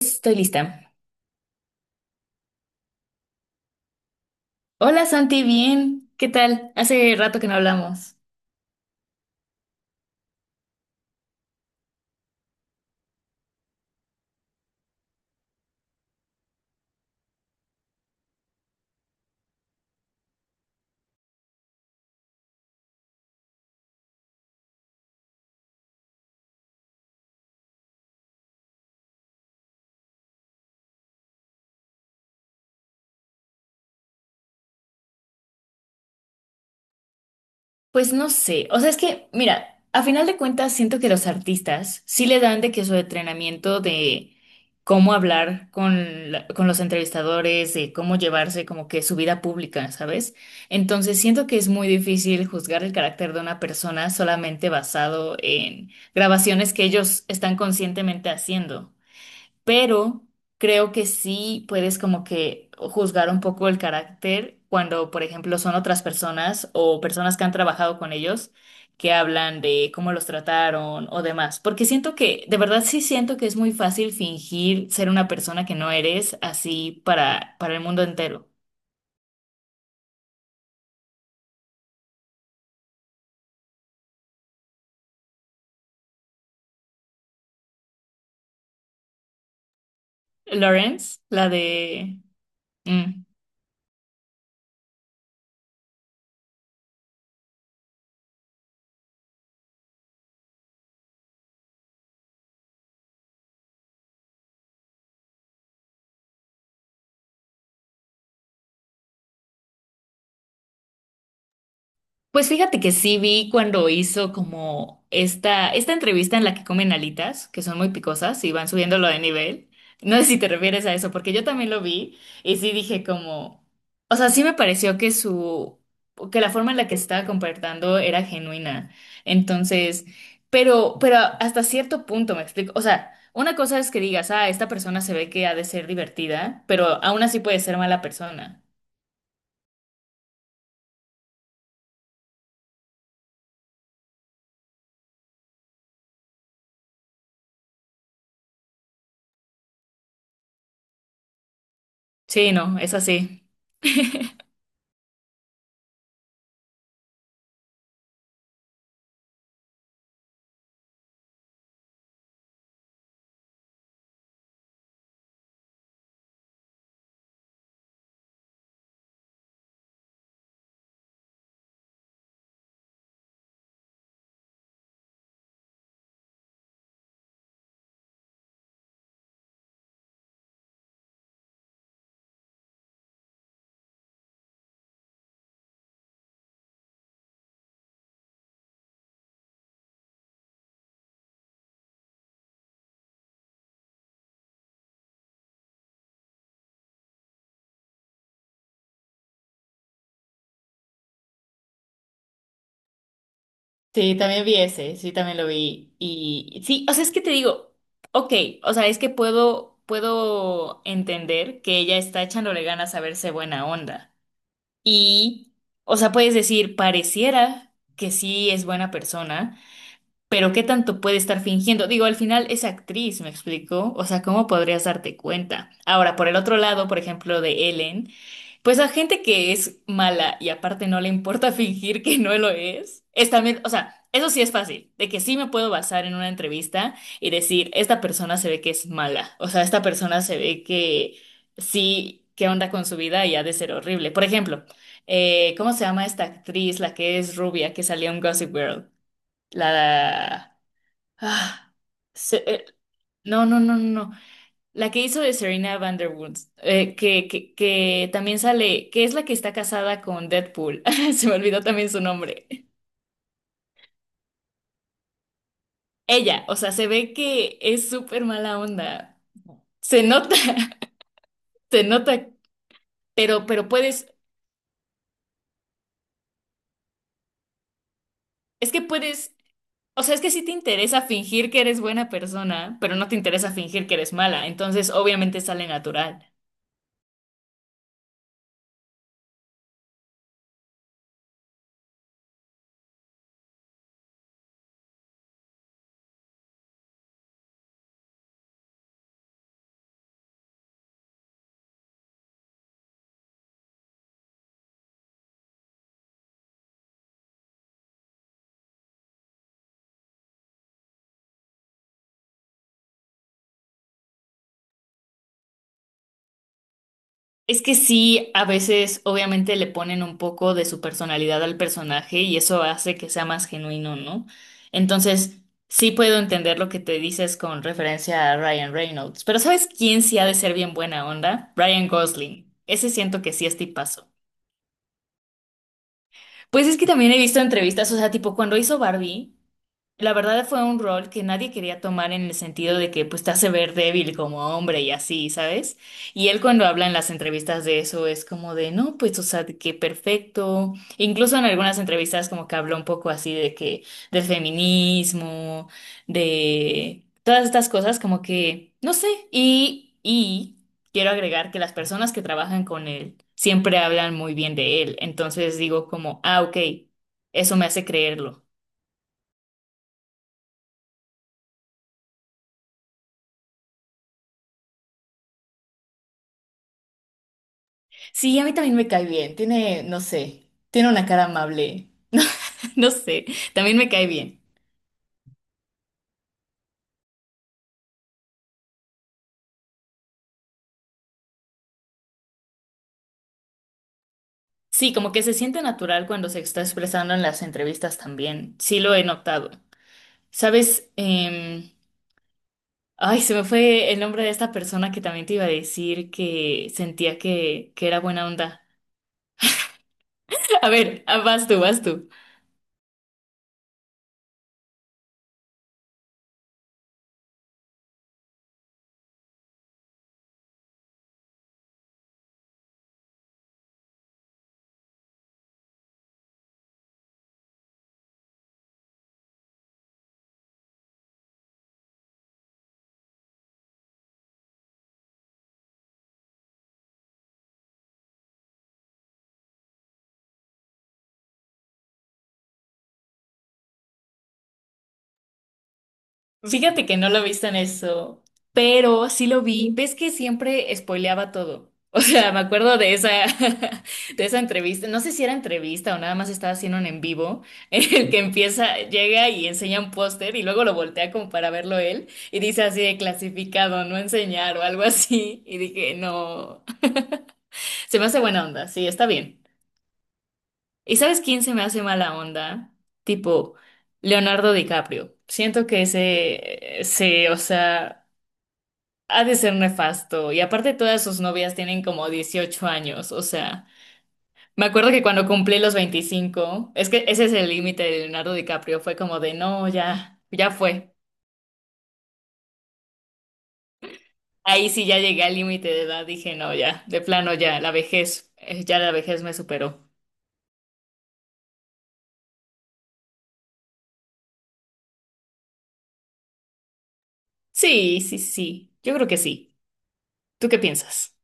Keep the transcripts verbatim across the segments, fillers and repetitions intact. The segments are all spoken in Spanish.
Estoy lista. Hola Santi, bien. ¿Qué tal? Hace rato que no hablamos. Pues no sé. O sea, es que, mira, a final de cuentas siento que los artistas sí le dan de que su entrenamiento de cómo hablar con, la- con los entrevistadores, de cómo llevarse como que su vida pública, ¿sabes? Entonces siento que es muy difícil juzgar el carácter de una persona solamente basado en grabaciones que ellos están conscientemente haciendo. Pero creo que sí puedes como que juzgar un poco el carácter cuando, por ejemplo, son otras personas o personas que han trabajado con ellos que hablan de cómo los trataron o demás, porque siento que, de verdad sí siento que es muy fácil fingir ser una persona que no eres así para, para el mundo entero. Lawrence, la de... Mm. Pues fíjate que sí vi cuando hizo como esta, esta entrevista en la que comen alitas, que son muy picosas y van subiéndolo de nivel. No sé si te refieres a eso, porque yo también lo vi y sí dije como, o sea, sí me pareció que su, que la forma en la que estaba comportando era genuina. Entonces, pero, pero hasta cierto punto me explico. O sea, una cosa es que digas, ah, esta persona se ve que ha de ser divertida, pero aún así puede ser mala persona. Sí, no, es así. Sí, también vi ese, sí, también lo vi. Y sí, o sea, es que te digo, ok, o sea, es que puedo, puedo entender que ella está echándole ganas a verse buena onda. Y, o sea, puedes decir, pareciera que sí es buena persona, pero ¿qué tanto puede estar fingiendo? Digo, al final es actriz, ¿me explico? O sea, ¿cómo podrías darte cuenta? Ahora, por el otro lado, por ejemplo, de Ellen. Pues a gente que es mala y aparte no le importa fingir que no lo es, es también, o sea, eso sí es fácil, de que sí me puedo basar en una entrevista y decir, esta persona se ve que es mala, o sea, esta persona se ve que sí, qué onda con su vida y ha de ser horrible. Por ejemplo, eh, ¿cómo se llama esta actriz, la que es rubia, que salió en Gossip Girl? La... ah, se- eh, no, no, no, no. no. La que hizo de Serena Van der Woodst, eh, que, que, que también sale, que es la que está casada con Deadpool. Se me olvidó también su nombre. Ella, o sea, se ve que es súper mala onda. Se nota, se nota, pero, pero puedes, es que puedes, o sea, es que sí te interesa fingir que eres buena persona, pero no te interesa fingir que eres mala, entonces obviamente sale natural. Es que sí, a veces obviamente le ponen un poco de su personalidad al personaje y eso hace que sea más genuino, ¿no? Entonces, sí puedo entender lo que te dices con referencia a Ryan Reynolds, pero ¿sabes quién sí ha de ser bien buena onda? Ryan Gosling. Ese siento que sí es tipazo. Pues es que también he visto entrevistas, o sea, tipo cuando hizo Barbie. La verdad fue un rol que nadie quería tomar en el sentido de que pues te hace ver débil como hombre y así, ¿sabes? Y él cuando habla en las entrevistas de eso es como de, no, pues o sea, de que perfecto. Incluso en algunas entrevistas como que habló un poco así de que del feminismo, de todas estas cosas como que, no sé, y, y quiero agregar que las personas que trabajan con él siempre hablan muy bien de él. Entonces digo como, ah, ok, eso me hace creerlo. Sí, a mí también me cae bien. Tiene, no sé, tiene una cara amable. No sé, también me cae bien. Sí, como que se siente natural cuando se está expresando en las entrevistas también. Sí, lo he notado. ¿Sabes? Em, ay, se me fue el nombre de esta persona que también te iba a decir que sentía que, que era buena onda. A ver, ah, vas tú, vas tú. Fíjate que no lo viste en eso, pero sí lo vi. ¿Ves que siempre spoileaba todo? O sea, me acuerdo de esa, de esa entrevista. No sé si era entrevista o nada más estaba haciendo un en vivo, en el que empieza, llega y enseña un póster y luego lo voltea como para verlo él y dice así de clasificado, no enseñar o algo así. Y dije, no, se me hace buena onda, sí, está bien. ¿Y sabes quién se me hace mala onda? Tipo, Leonardo DiCaprio. Siento que ese, eh, sí, o sea. Ha de ser nefasto. Y aparte todas sus novias tienen como dieciocho años. O sea, me acuerdo que cuando cumplí los veinticinco, es que ese es el límite de Leonardo DiCaprio. Fue como de, no, ya, ya fue. Ahí sí ya llegué al límite de edad. Dije, no, ya, de plano ya, la vejez, eh, ya la vejez me superó. Sí, sí, sí. Yo creo que sí. ¿Tú qué piensas?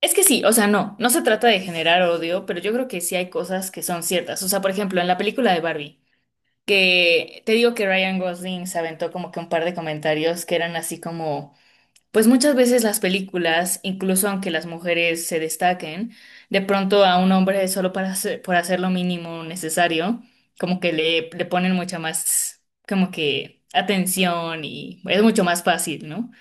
Es que sí, o sea, no, no se trata de generar odio, pero yo creo que sí hay cosas que son ciertas. O sea, por ejemplo, en la película de Barbie. Que te digo que Ryan Gosling se aventó como que un par de comentarios que eran así como, pues muchas veces las películas, incluso aunque las mujeres se destaquen, de pronto a un hombre solo para hacer, por hacer lo mínimo necesario, como que le, le ponen mucha más, como que atención y es mucho más fácil, ¿no?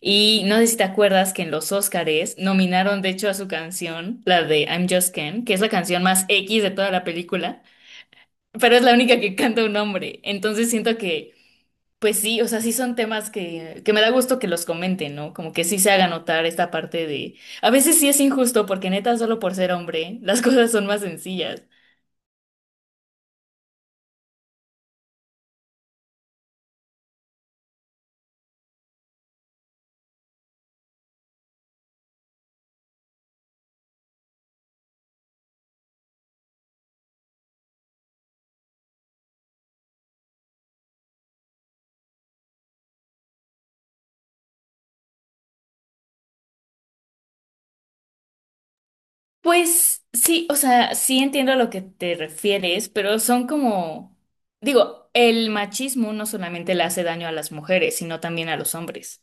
Y no sé si te acuerdas que en los Óscares nominaron de hecho a su canción, la de I'm Just Ken, que es la canción más X de toda la película, pero es la única que canta un hombre. Entonces siento que, pues sí, o sea, sí son temas que, que me da gusto que los comenten, ¿no? Como que sí se haga notar esta parte de, a veces sí es injusto porque neta, solo por ser hombre, las cosas son más sencillas. Pues sí, o sea, sí entiendo a lo que te refieres, pero son como, digo, el machismo no solamente le hace daño a las mujeres, sino también a los hombres.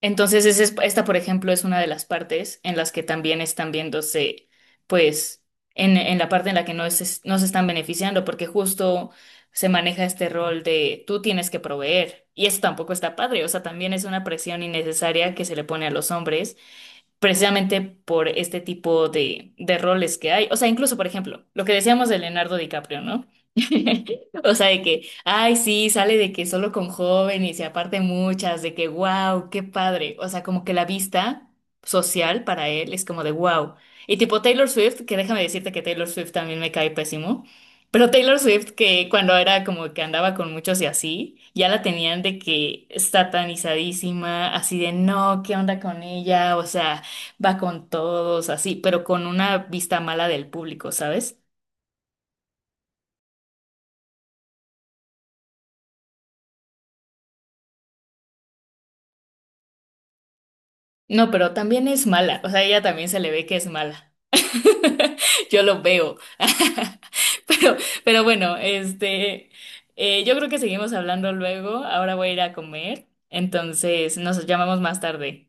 Entonces, esa es- esta, por ejemplo, es una de las partes en las que también están viéndose, pues, en, en la parte en la que no, es no se están beneficiando, porque justo se maneja este rol de tú tienes que proveer, y eso tampoco está padre, o sea, también es una presión innecesaria que se le pone a los hombres precisamente por este tipo de, de roles que hay. O sea, incluso, por ejemplo, lo que decíamos de Leonardo DiCaprio, ¿no? O sea, de que, ay, sí, sale de que solo con jóvenes y aparte muchas, de que, wow, qué padre. O sea, como que la vista social para él es como de, wow. Y tipo Taylor Swift, que déjame decirte que Taylor Swift también me cae pésimo. Pero Taylor Swift, que cuando era como que andaba con muchos y así, ya la tenían de que satanizadísima, así de no, ¿qué onda con ella? O sea, va con todos así, pero con una vista mala del público, ¿sabes? No, pero también es mala, o sea, ella también se le ve que es mala. Yo lo veo. Pero, pero bueno, este, eh, yo creo que seguimos hablando luego. Ahora voy a ir a comer, entonces nos llamamos más tarde.